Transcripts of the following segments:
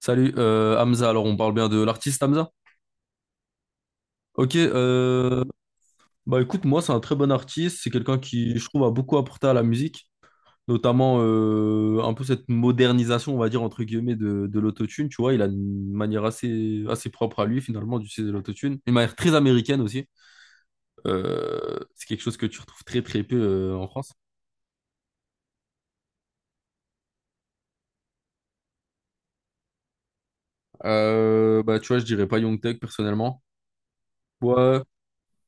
Salut Hamza, alors on parle bien de l'artiste Hamza? Ok. Bah écoute, moi c'est un très bon artiste, c'est quelqu'un qui je trouve a beaucoup apporté à la musique, notamment un peu cette modernisation, on va dire entre guillemets, de l'autotune, tu vois. Il a une manière assez propre à lui finalement d'utiliser l'autotune, une manière très américaine aussi. C'est quelque chose que tu retrouves très très peu en France. Bah tu vois, je dirais pas Young Thug personnellement. Ouais,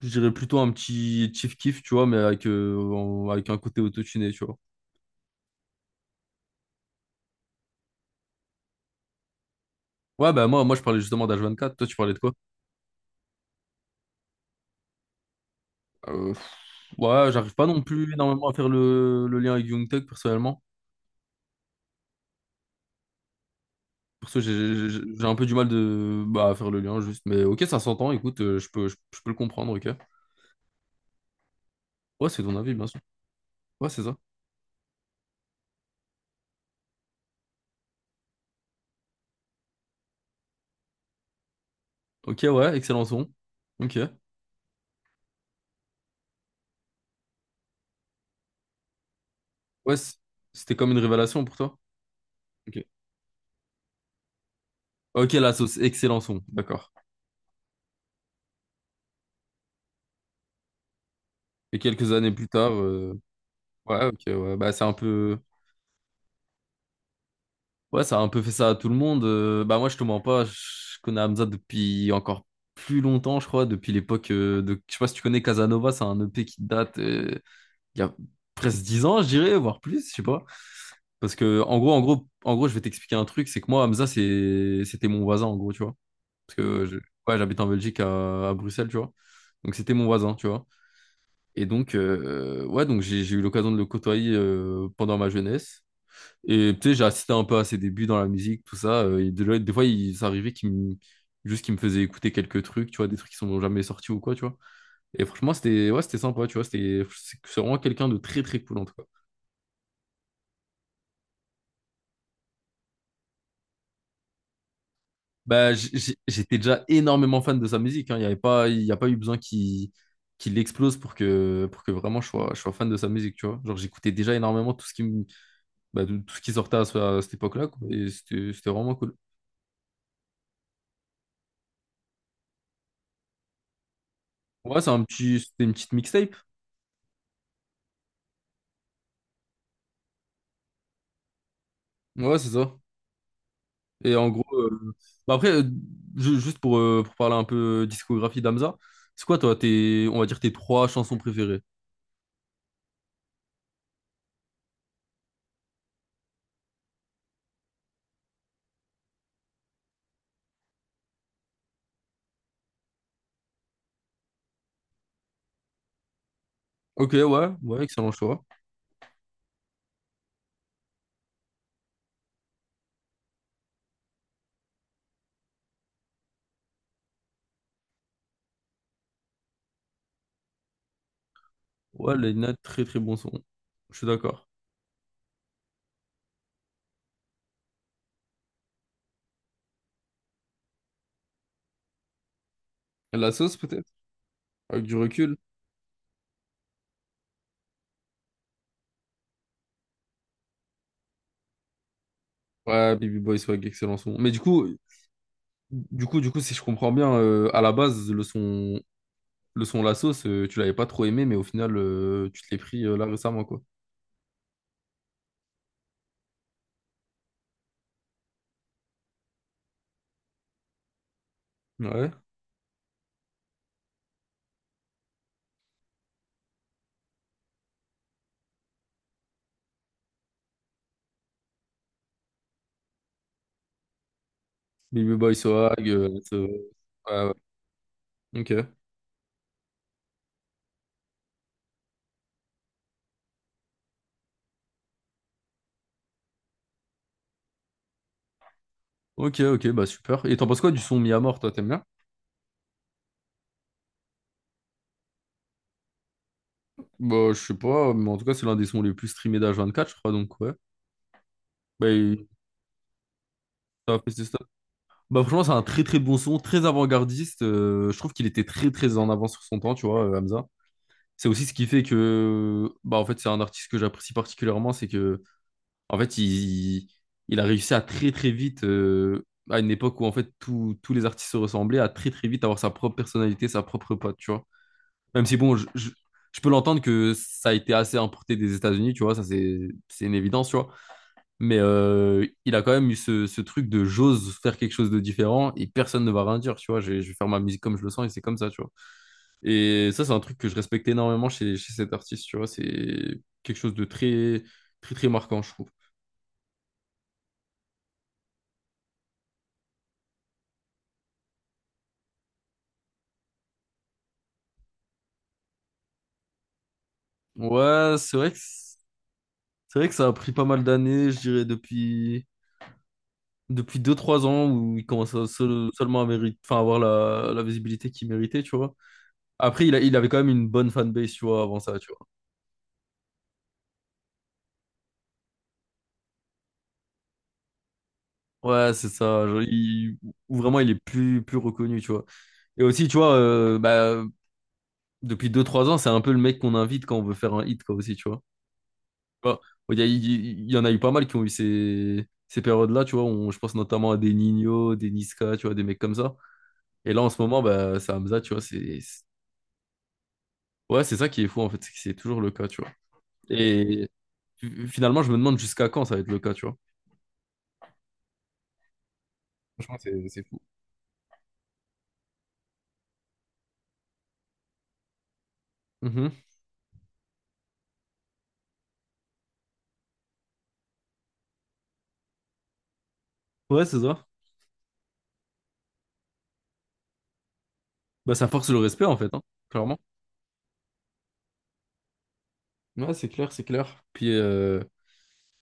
je dirais plutôt un petit Chief Keef, tu vois, mais avec un côté autotuné, tu vois. Ouais, bah moi je parlais justement d'H24, toi tu parlais de quoi? Euh, pff, ouais, j'arrive pas non plus énormément à faire le lien avec Youngtech personnellement. Pour ça, j'ai un peu du mal à faire le lien juste. Mais ok, ça s'entend, écoute, je peux le comprendre, ok. Ouais, c'est ton avis, bien sûr. Ouais, c'est ça. Ok, ouais, excellent son. Ok. Ouais, c'était comme une révélation pour toi. Ok. Ok, la sauce, excellent son, d'accord. Et quelques années plus tard, ouais, ok, ouais, bah c'est un peu. Ouais, ça a un peu fait ça à tout le monde. Bah moi, je te mens pas, je connais Hamza depuis encore plus longtemps, je crois, depuis l'époque de... Je sais pas si tu connais Casanova, c'est un EP qui date il y a presque 10 ans, je dirais, voire plus, je sais pas. Parce que, je vais t'expliquer un truc, c'est que moi, Hamza, c'était mon voisin, en gros, tu vois. Parce que ouais, j'habite en Belgique, à Bruxelles, tu vois. Donc c'était mon voisin, tu vois. Et donc, ouais, donc j'ai eu l'occasion de le côtoyer pendant ma jeunesse. Et tu sais, j'ai assisté un peu à ses débuts dans la musique, tout ça. Et des fois, il s'arrivait qu'il me... juste qu'il me faisait écouter quelques trucs, tu vois, des trucs qui sont jamais sortis ou quoi, tu vois. Et franchement, c'était ouais, c'était sympa, tu vois. C'est vraiment quelqu'un de très, très cool, en tout cas. Bah, j'étais déjà énormément fan de sa musique, hein. Il y a pas eu besoin qu'il explose pour que vraiment je sois fan de sa musique, tu vois. Genre, j'écoutais déjà énormément tout ce qui sortait à cette époque-là, quoi. Et c'était vraiment cool. Ouais, c'était une petite mixtape. Ouais, c'est ça. Et en gros, bah après, juste pour parler un peu discographie d'Amza, c'est quoi toi, on va dire tes trois chansons préférées? Ok, ouais, ouais, excellent choix. Ouais, Leïna, très très bon son. Je suis d'accord. La sauce peut-être? Avec du recul? Ouais, Baby Boy Swag, excellent son. Mais du coup, si je comprends bien, à la base, le son La sauce, tu l'avais pas trop aimé, mais au final, tu te l'es pris là récemment, quoi. Ouais. Baby Boy Swag, la sauce. Ouais, ouais. Ok. Ok, ok, bah super. Et t'en penses quoi du son mis à mort, toi, t'aimes bien? Bah, je sais pas, mais en tout cas, c'est l'un des sons les plus streamés d'H24, je crois, donc ouais. Bah, ça a fait ses stats. Bah, franchement, c'est un très très bon son, très avant-gardiste. Je trouve qu'il était très très en avance sur son temps, tu vois, Hamza. C'est aussi ce qui fait que, bah, en fait, c'est un artiste que j'apprécie particulièrement, c'est que, en fait, il a réussi à très très vite, à une époque où, en fait, tous les artistes se ressemblaient, à très très vite avoir sa propre personnalité, sa propre patte, tu vois. Même si, bon, je peux l'entendre que ça a été assez importé des États-Unis, tu vois, ça c'est une évidence, tu vois. Mais il a quand même eu ce truc de j'ose faire quelque chose de différent et personne ne va rien dire, tu vois. Je vais faire ma musique comme je le sens et c'est comme ça, tu vois. Et ça, c'est un truc que je respecte énormément chez cet artiste, tu vois. C'est quelque chose de très, très, très marquant, je trouve. Ouais, c'est vrai que ça a pris pas mal d'années, je dirais, depuis deux trois ans où il commence à seulement à enfin, avoir la visibilité qu'il méritait, tu vois. Après, il avait quand même une bonne fanbase, tu vois, avant ça, tu vois. Ouais, c'est ça, genre, où vraiment, il est plus reconnu, tu vois. Et aussi, tu vois, bah, depuis deux trois ans, c'est un peu le mec qu'on invite quand on veut faire un hit, quoi, aussi, tu vois. Tu vois, il y en a eu pas mal qui ont eu ces périodes-là, tu vois. Je pense notamment à des Nino, des Niska, tu vois, des mecs comme ça. Et là, en ce moment, bah, c'est Hamza, tu vois. Ouais, c'est ça qui est fou, en fait. C'est que c'est toujours le cas, tu vois. Et finalement, je me demande jusqu'à quand ça va être le cas, tu vois. Franchement, c'est fou. Mhm. Ouais, c'est ça. Bah, ça force le respect, en fait, hein, clairement. Ouais, c'est clair, c'est clair. Puis, euh,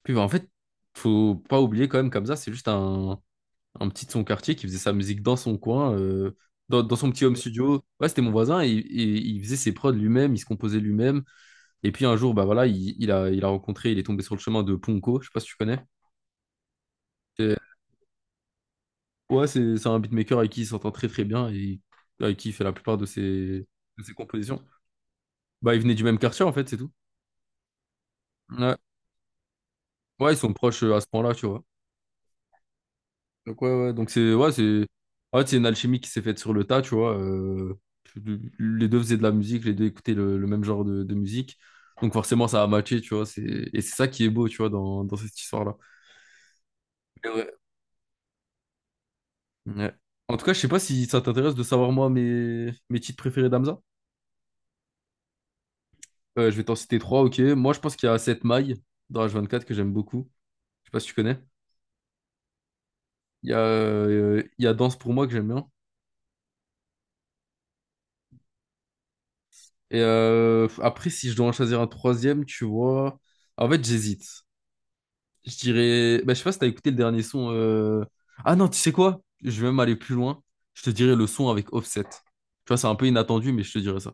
puis bah, en fait, faut pas oublier quand même, Kamza, c'est juste un petit de son quartier qui faisait sa musique dans son coin, dans son petit home studio. Ouais, c'était mon voisin, et il faisait ses prods lui-même, il se composait lui-même. Et puis un jour, bah voilà, il a rencontré, il est tombé sur le chemin de Ponko, je sais pas si tu connais. Et- ouais, c'est un beatmaker avec qui il s'entend très très bien et avec qui il fait la plupart de de ses compositions. Bah, il venait du même quartier, en fait, c'est tout. Ouais, ouais, ils sont proches à ce point-là, tu vois. Donc ouais, ouais, donc c'est ouais, c'est en fait, c'est une alchimie qui s'est faite sur le tas, tu vois. Les deux faisaient de la musique, les deux écoutaient le même genre de musique. Donc forcément, ça a matché, tu vois. Et c'est ça qui est beau, tu vois, dans cette histoire-là. Mais ouais. Ouais. En tout cas, je sais pas si ça t'intéresse de savoir, moi, mes titres préférés d'Amza. Je vais t'en citer trois, ok. Moi, je pense qu'il y a 7 mailles dans H24 que j'aime beaucoup. Je sais pas si tu connais. Il y a Danse pour moi que j'aime bien. Et après, si je dois en choisir un troisième, tu vois... En fait, j'hésite. Je dirais. Bah, je sais pas si t'as écouté le dernier son. Ah non, tu sais quoi? Je vais même aller plus loin. Je te dirais le son avec Offset. Tu vois, c'est un peu inattendu, mais je te dirais ça.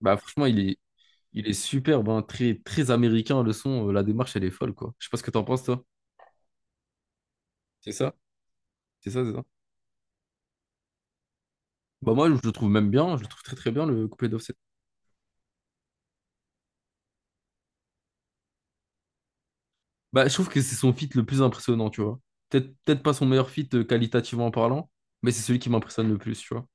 Bah, franchement, il est superbe, hein. Très, très américain, le son. La démarche, elle est folle, quoi. Je sais pas ce que t'en penses, toi. C'est ça? C'est ça, c'est ça. Bah, moi, je le trouve même bien. Je le trouve très, très bien, le couplet d'Offset. Bah, je trouve que c'est son feat le plus impressionnant, tu vois. Peut-être, peut-être pas son meilleur feat qualitativement parlant, mais c'est celui qui m'impressionne le plus, tu vois.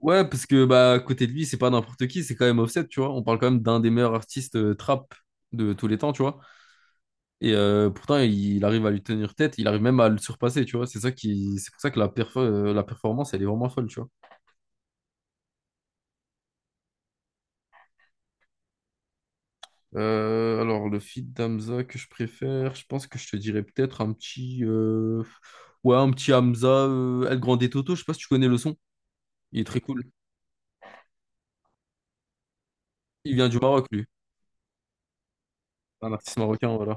Ouais, parce que bah à côté de lui, c'est pas n'importe qui, c'est quand même Offset, tu vois. On parle quand même d'un des meilleurs artistes trap de tous les temps, tu vois. Et pourtant, il arrive à lui tenir tête, il arrive même à le surpasser, tu vois. C'est pour ça que la performance, elle est vraiment folle, tu vois. Alors le feat d'Hamza que je préfère, je pense que je te dirais peut-être un petit, ouais, un petit Hamza, El Grande Toto. Je sais pas si tu connais le son. Il est très cool. Il vient du Maroc, lui. Un artiste marocain, voilà.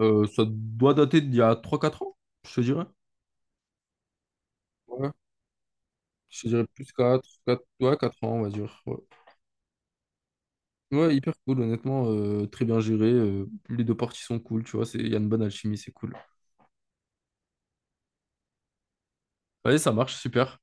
Ça doit dater d'il y a trois quatre ans, je te dirais. Ouais. Je dirais plus 4 ans, on va dire. Ouais, ouais, hyper cool, honnêtement, très bien géré. Les deux parties sont cool, tu vois, il y a une bonne alchimie, c'est cool. Allez, ça marche, super.